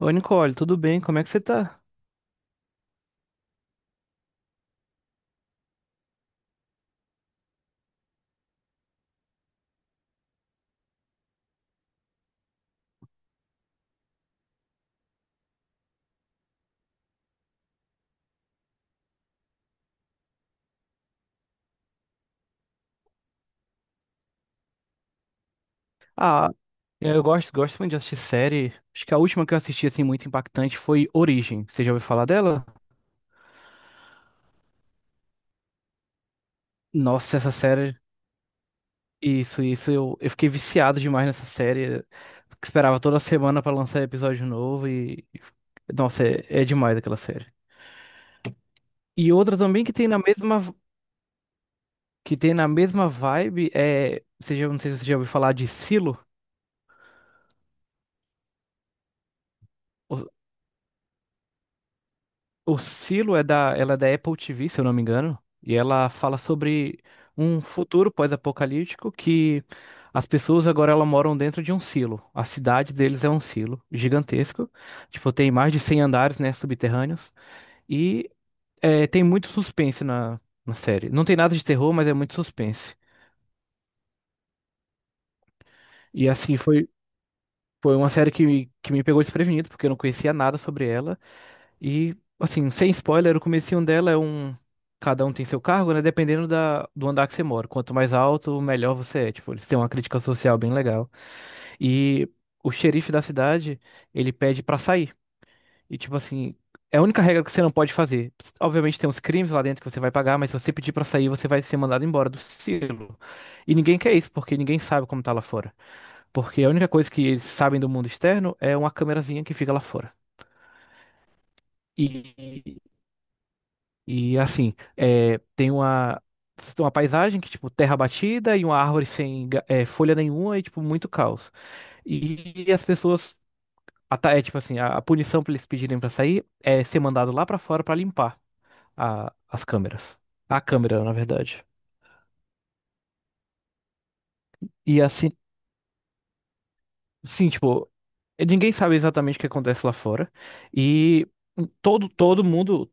Oi, Nicole, tudo bem? Como é que você tá? Ah, eu gosto muito de assistir série. Acho que a última que eu assisti, assim, muito impactante foi Origem. Você já ouviu falar dela? Nossa, essa série. Isso, isso. Eu fiquei viciado demais nessa série. Esperava toda semana pra lançar episódio novo e. Nossa, é demais aquela série. E outra também que tem na mesma vibe é. Não sei se você já ouviu falar de Silo. O Silo é da, ela é da Apple TV, se eu não me engano, e ela fala sobre um futuro pós-apocalíptico que as pessoas agora elas moram dentro de um silo. A cidade deles é um silo gigantesco, tipo, tem mais de 100 andares, né, subterrâneos, e tem muito suspense na série. Não tem nada de terror, mas é muito suspense. E assim, foi uma série que, que me pegou desprevenido, porque eu não conhecia nada sobre ela. E, assim, sem spoiler, o comecinho dela é um. Cada um tem seu cargo, né? Dependendo do andar que você mora. Quanto mais alto, melhor você é. Tipo, eles têm uma crítica social bem legal. E o xerife da cidade, ele pede pra sair. E, tipo assim, é a única regra que você não pode fazer. Obviamente tem uns crimes lá dentro que você vai pagar, mas se você pedir pra sair, você vai ser mandado embora do silo. E ninguém quer isso, porque ninguém sabe como tá lá fora. Porque a única coisa que eles sabem do mundo externo é uma câmerazinha que fica lá fora. E E assim, tem uma paisagem que, tipo, terra batida e uma árvore sem folha nenhuma e, tipo, muito caos. E, as pessoas, é tipo assim, a punição pra eles pedirem pra sair é ser mandado lá pra fora pra limpar as câmeras. A câmera, na verdade. E assim, sim, tipo, ninguém sabe exatamente o que acontece lá fora. E todo mundo.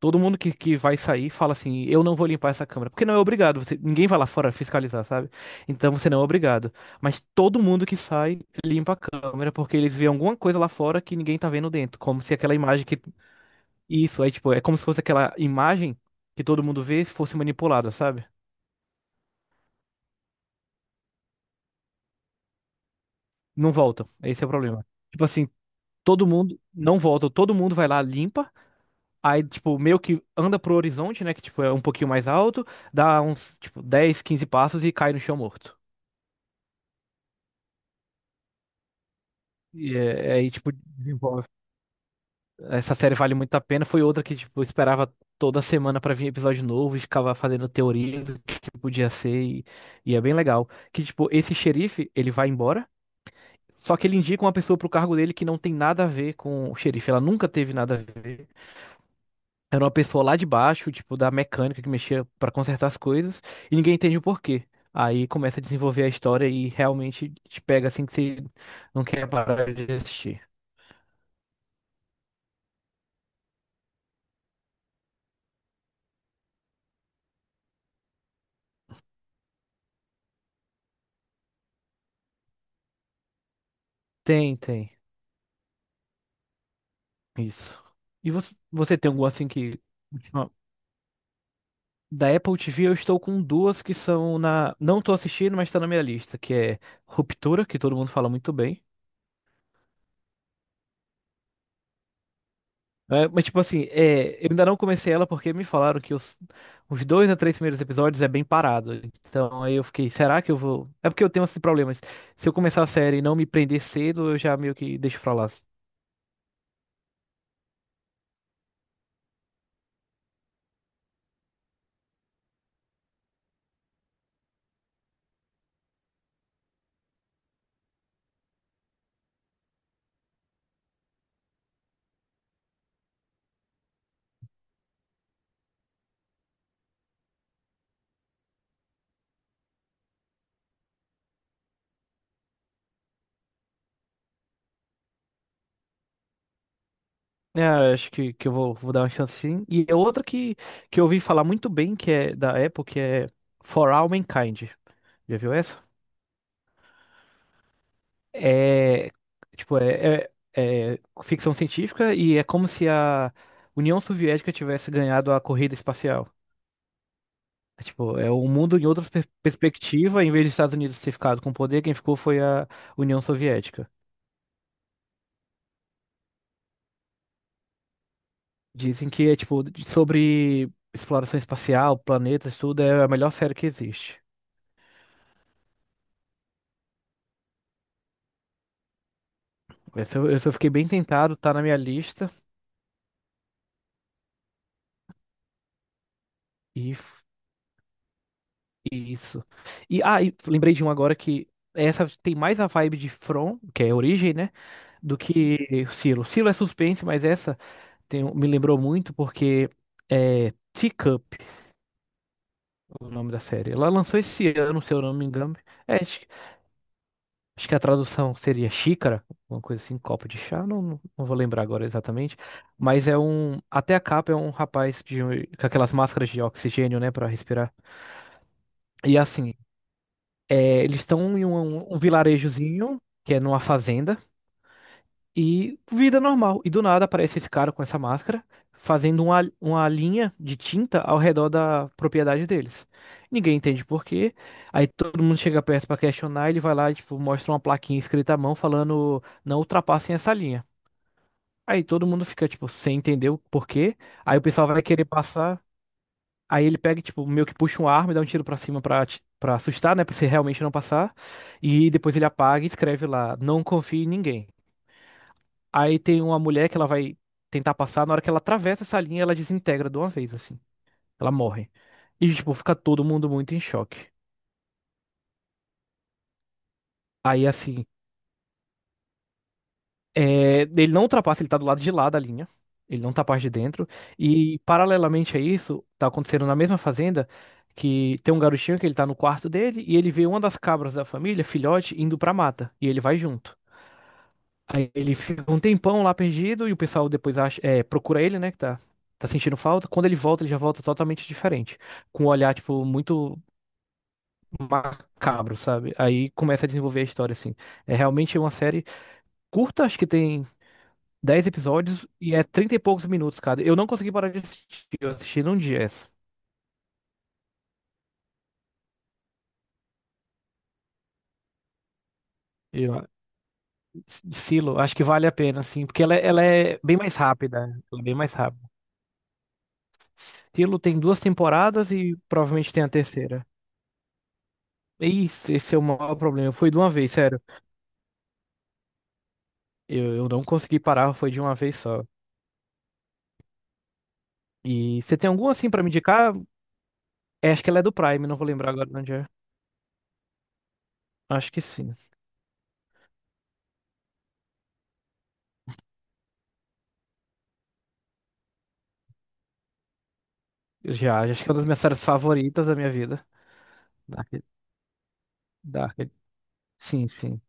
Todo mundo que vai sair fala assim: eu não vou limpar essa câmera. Porque não é obrigado, ninguém vai lá fora fiscalizar, sabe? Então você não é obrigado. Mas todo mundo que sai limpa a câmera porque eles vêem alguma coisa lá fora que ninguém tá vendo dentro. Como se aquela imagem que. Isso, é tipo, é como se fosse aquela imagem que todo mundo vê se fosse manipulada, sabe? Não volta. Esse é o problema. Tipo assim, todo mundo não volta, todo mundo vai lá, limpa. Aí, tipo, meio que anda pro horizonte, né? Que, tipo, é um pouquinho mais alto, dá uns, tipo, 10, 15 passos e cai no chão morto. Aí, tipo, desenvolve. Essa série vale muito a pena. Foi outra que, tipo, eu esperava toda semana pra vir episódio novo e ficava fazendo teoria do que podia ser. E é bem legal. Que, tipo, esse xerife, ele vai embora, só que ele indica uma pessoa pro cargo dele que não tem nada a ver com o xerife. Ela nunca teve nada a ver. Era uma pessoa lá de baixo, tipo, da mecânica que mexia pra consertar as coisas. E ninguém entende o porquê. Aí começa a desenvolver a história e realmente te pega assim que você não quer parar de assistir. Tem, tem. Isso. E você tem algum assim que. última- Da Apple TV eu estou com duas que são na. Não tô assistindo, mas tá na minha lista, que é Ruptura, que todo mundo fala muito bem. É, mas tipo assim, eu ainda não comecei ela porque me falaram que os dois a três primeiros episódios é bem parado. Então aí eu fiquei, será que eu vou? É porque eu tenho esses problemas. Se eu começar a série e não me prender cedo, eu já meio que deixo pra lá. É, acho que eu vou dar uma chance sim. E é outra que eu ouvi falar muito bem, que é da Apple, que é For All Mankind. Já viu essa? É, tipo, é ficção científica e é como se a União Soviética tivesse ganhado a corrida espacial. É, tipo, é o mundo em outra perspectiva, em vez dos Estados Unidos ter ficado com o poder, quem ficou foi a União Soviética. Dizem que é, tipo, sobre exploração espacial, planetas, tudo, é a melhor série que existe. Essa eu fiquei bem tentado, tá na minha lista. E, f- e isso. E, ah, e lembrei de um agora que essa tem mais a vibe de From, que é Origem, né? Do que Silo. Silo é suspense, mas essa me lembrou muito porque é Teacup, o nome da série. Ela lançou esse ano, se eu não me engano. É, acho que a tradução seria xícara, uma coisa assim, copo de chá, não, não vou lembrar agora exatamente. Mas é um. Até a capa é um rapaz com aquelas máscaras de oxigênio, né, pra respirar. E assim, eles estão em um vilarejozinho, que é numa fazenda, e vida normal. E do nada aparece esse cara com essa máscara, fazendo uma linha de tinta ao redor da propriedade deles. Ninguém entende por quê. Aí todo mundo chega perto pra questionar, ele vai lá, tipo, mostra uma plaquinha escrita à mão falando, não ultrapassem essa linha. Aí todo mundo fica, tipo, sem entender o porquê. Aí o pessoal vai querer passar. Aí ele pega, e, tipo, meio que puxa um arma e dá um tiro pra cima pra assustar, né? Pra você realmente não passar. E depois ele apaga e escreve lá, não confie em ninguém. Aí tem uma mulher que ela vai tentar passar, na hora que ela atravessa essa linha, ela desintegra de uma vez, assim. Ela morre. E, tipo, fica todo mundo muito em choque. Aí, assim, ele não ultrapassa, ele tá do lado de lá da linha. Ele não tá parte de dentro. E, paralelamente a isso, tá acontecendo na mesma fazenda que tem um garotinho que ele tá no quarto dele e ele vê uma das cabras da família, filhote, indo pra mata. E ele vai junto. Aí ele fica um tempão lá perdido e o pessoal depois procura ele, né, que tá sentindo falta. Quando ele volta, ele já volta totalmente diferente. Com um olhar, tipo, muito macabro, sabe? Aí começa a desenvolver a história, assim. É realmente uma série curta, acho que tem 10 episódios e é 30 e poucos minutos cada. Eu não consegui parar de assistir, eu assisti num dia essa. Eu, Silo, acho que vale a pena, sim, porque ela é bem mais rápida. Ela é bem mais rápida. Silo tem duas temporadas e provavelmente tem a terceira. É isso, esse é o maior problema. Foi de uma vez, sério. Eu não consegui parar, foi de uma vez só. E você tem algum assim pra me indicar? É, acho que ela é do Prime, não vou lembrar agora onde é. Acho que sim. Já, acho que é uma das minhas séries favoritas da minha vida. Dark, Dark. Sim, sim.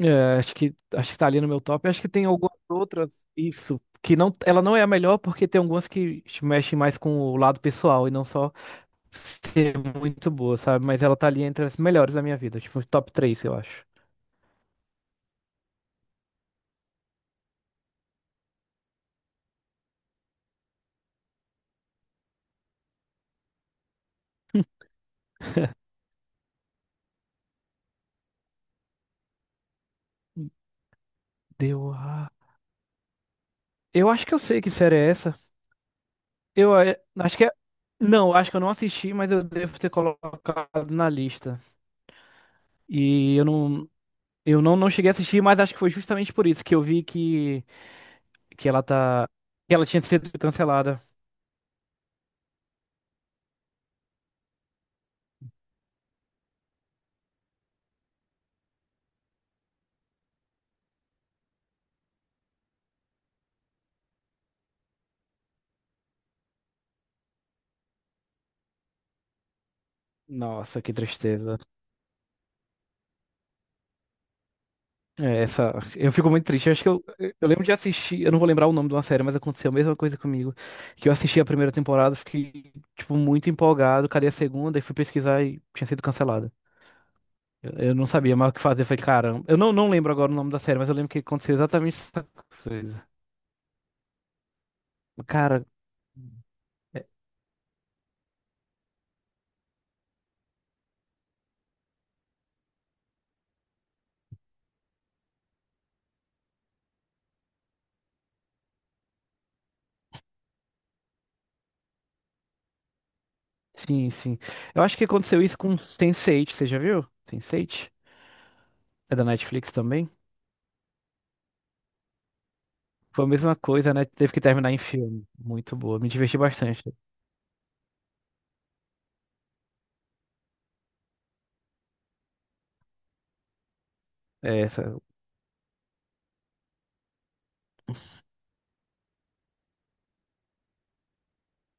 É, acho que tá ali no meu top. Acho que tem algumas outras, isso, que não, ela não é a melhor porque tem algumas que mexem mais com o lado pessoal e não só ser muito boa, sabe? Mas ela tá ali entre as melhores da minha vida, tipo, top 3 eu acho. Deu a... Eu acho que eu sei que série é essa. Eu acho que é... Não, acho que eu não assisti, mas eu devo ter colocado na lista. E eu não cheguei a assistir, mas acho que foi justamente por isso que eu vi que ela tá que ela tinha sido cancelada. Nossa, que tristeza. É, essa. Eu fico muito triste. Eu acho que eu lembro de assistir, eu não vou lembrar o nome de uma série, mas aconteceu a mesma coisa comigo. Que eu assisti a primeira temporada, fiquei, tipo, muito empolgado. Cadê a segunda? E fui pesquisar e tinha sido cancelada. Eu não sabia mais o que fazer. Eu falei, caramba. Eu não lembro agora o nome da série, mas eu lembro que aconteceu exatamente essa coisa. Cara, é- sim, sim. Eu acho que aconteceu isso com Sense8, você já viu? Sense8? É da Netflix também? Foi a mesma coisa, né? Teve que terminar em filme. Muito boa. Me diverti bastante. É essa,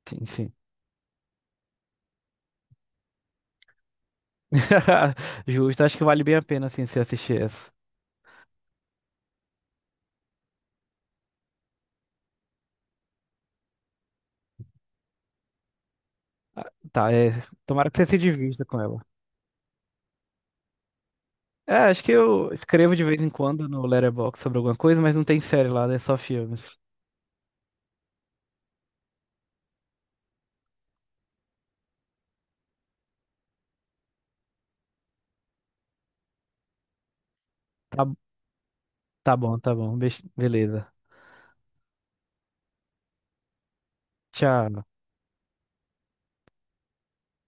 sim, sim. Justo, acho que vale bem a pena, assim, você assistir essa. Ah, tá, é. Tomara que você se divirta com ela. É, acho que eu escrevo de vez em quando no Letterboxd sobre alguma coisa, mas não tem série lá, é só filmes. Tá, tá bom, tá bom. Beleza. Tchau.